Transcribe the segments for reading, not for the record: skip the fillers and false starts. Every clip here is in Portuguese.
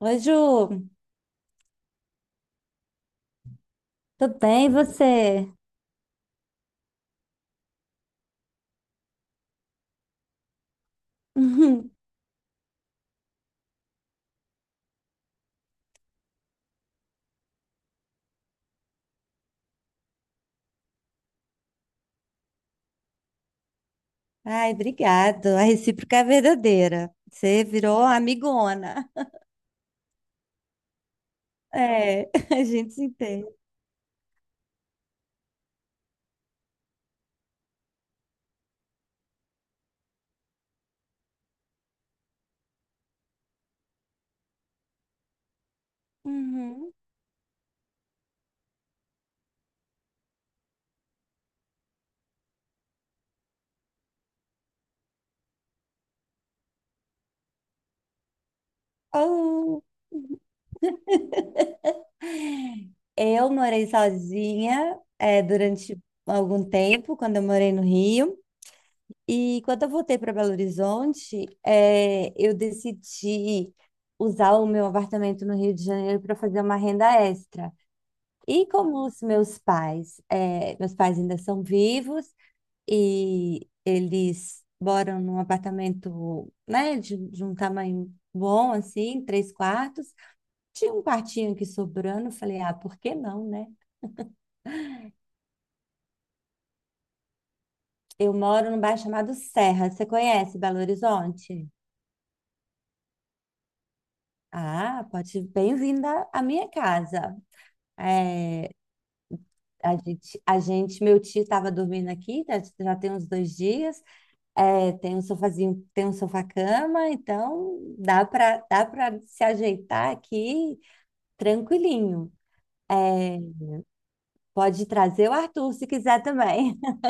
Oi, Ju. Tudo bem, e você? Ai, obrigado. A recíproca é verdadeira. Você virou amigona. É, a gente se entende. Uhum. Oh, eu morei sozinha, é, durante algum tempo, quando eu morei no Rio. E quando eu voltei para Belo Horizonte, é, eu decidi usar o meu apartamento no Rio de Janeiro para fazer uma renda extra. E como os meus pais, ainda são vivos e eles moram num apartamento, né, de um tamanho bom, assim, três quartos. Tinha um quartinho aqui sobrando, eu falei, ah, por que não, né? Eu moro num bairro chamado Serra, você conhece Belo Horizonte? Ah, pode, bem-vinda à minha casa. É, meu tio estava dormindo aqui, tá, já tem uns 2 dias. É, tem um sofazinho, tem um sofá-cama, então dá para se ajeitar aqui tranquilinho. É, pode trazer o Arthur se quiser também.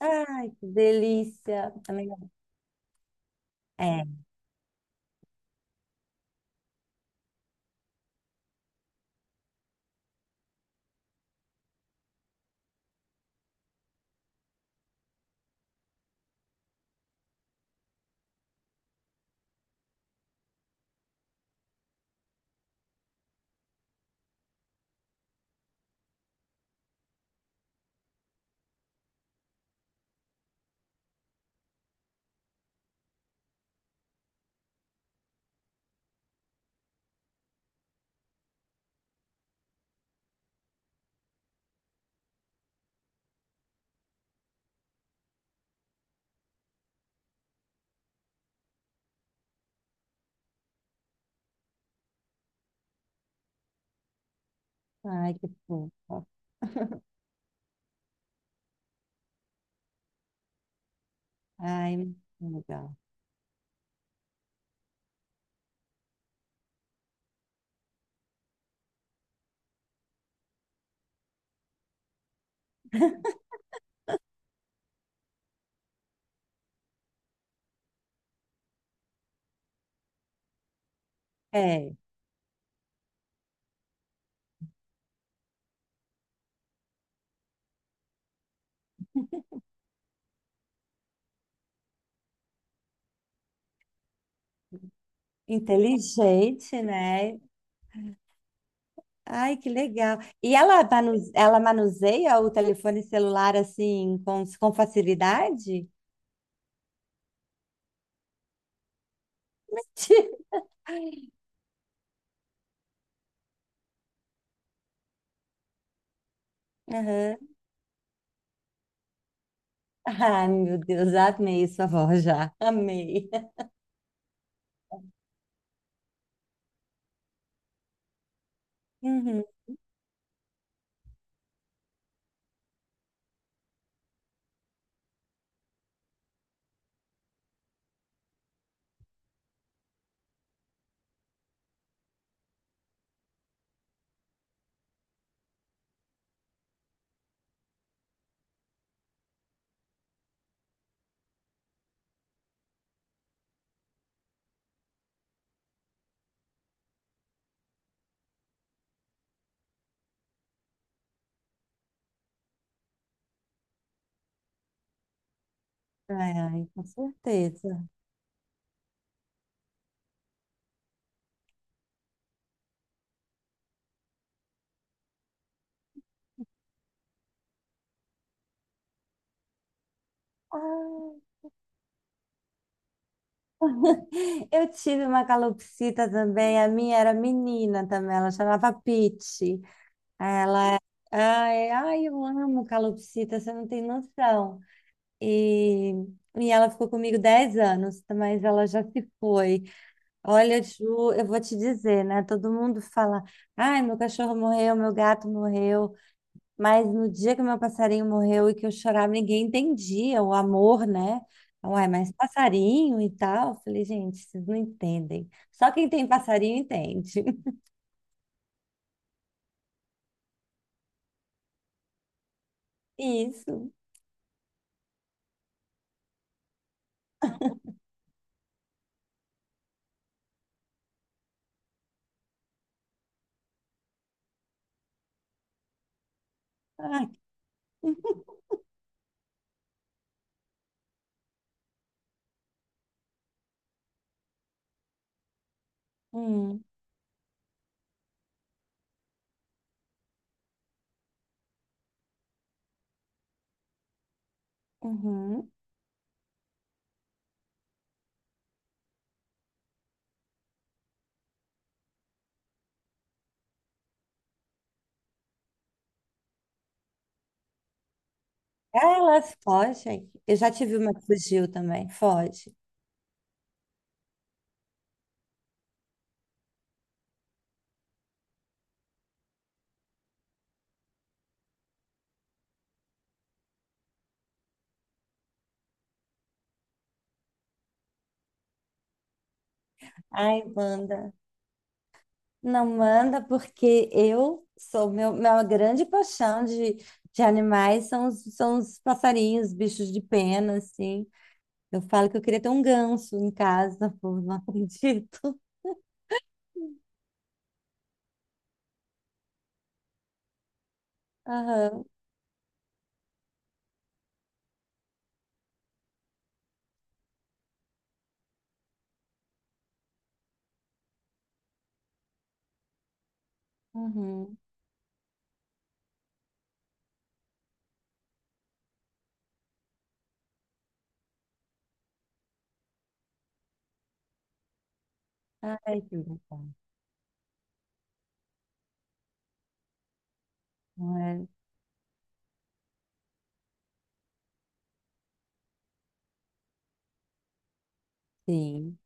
Ai, que delícia. Também não- É, ai, que fofo. Ai, muito legal. É, inteligente, né? Ai, que legal. E ela, manuseia o telefone celular assim com facilidade? Aham. Ai, meu Deus, amei sua voz já. Amei. Uhum. Ai, ai, com certeza. Ai, eu tive uma calopsita também, a minha era menina também, ela chamava Pete. Ela, Ai, ai, eu amo calopsita, você não tem noção. E, e ela ficou comigo 10 anos, mas ela já se foi. Olha, Ju, eu vou te dizer, né? Todo mundo fala, ai, meu cachorro morreu, meu gato morreu. Mas no dia que meu passarinho morreu e que eu chorava, ninguém entendia o amor, né? Uai, mas passarinho e tal. Eu falei, gente, vocês não entendem. Só quem tem passarinho entende. Isso. Ai, hum, uhum. Ah, elas fogem. Eu já tive uma que fugiu também. Foge. Ai, manda. Não manda porque minha grande paixão de animais são os passarinhos, bichos de pena, assim. Eu falo que eu queria ter um ganso em casa, pô, não acredito. Aham, uhum. Ai, que legal. Não é? Sim.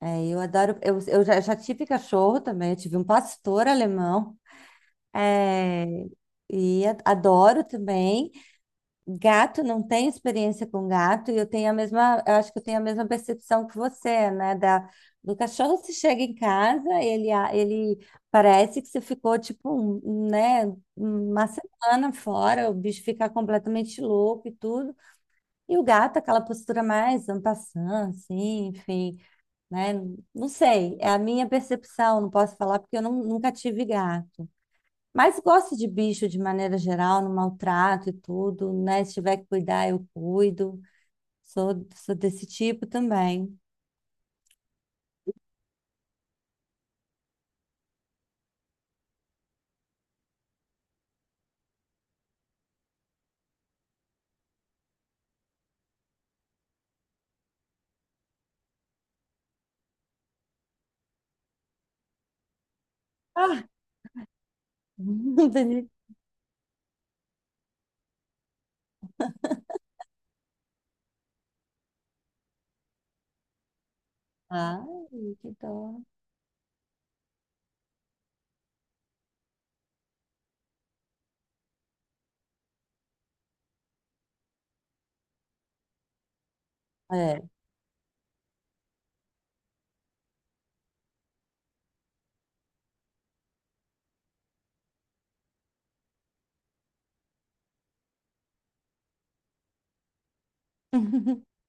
É, eu adoro. Eu já tive cachorro também, eu tive um pastor alemão. É, e adoro também. Gato não tem experiência com gato e eu tenho a mesma, eu acho que eu tenho a mesma percepção que você, né? Do cachorro se chega em casa, ele parece que você ficou tipo, né, uma semana fora, o bicho fica completamente louco e tudo. E o gato, aquela postura mais en passant, assim, enfim, né? Não sei, é a minha percepção, não posso falar porque eu não, nunca tive gato. Mas gosto de bicho de maneira geral, no maltrato e tudo, né? Se tiver que cuidar, eu cuido. Sou desse tipo também. Ah, não tem nem-. Ai, que dó. É.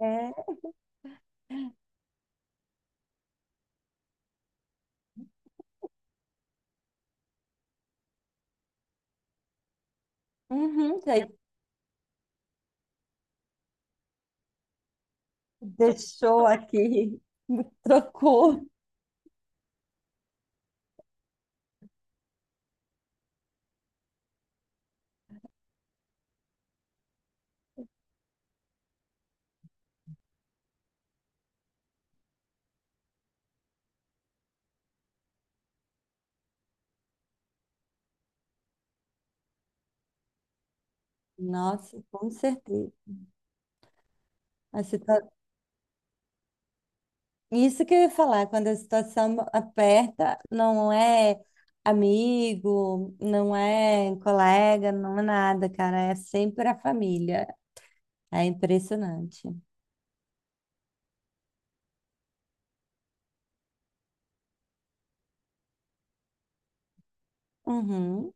É. Uhum, já deixou aqui, trocou. Nossa, com certeza. Isso que eu ia falar, quando a situação aperta, não é amigo, não é colega, não é nada, cara, é sempre a família. É impressionante. Uhum.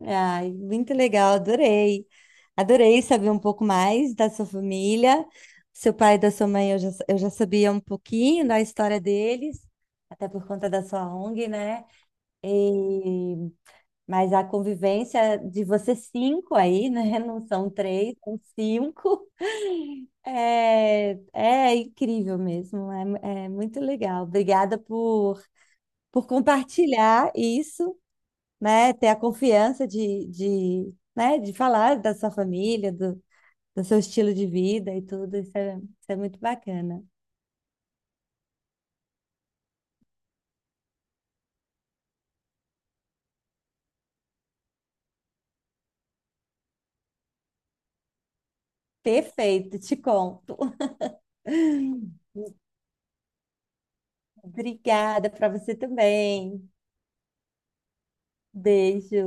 Ai, muito legal, adorei. Adorei saber um pouco mais da sua família. Seu pai e da sua mãe, eu já sabia um pouquinho da história deles, até por conta da sua ONG, né? E Mas a convivência de vocês cinco aí, né? Não são três, são cinco. É incrível mesmo, é muito legal. Obrigada por compartilhar isso, né? Ter a confiança de, né? de falar da sua família, do seu estilo de vida e tudo. Isso é muito bacana. Perfeito, te conto. Obrigada para você também. Beijo.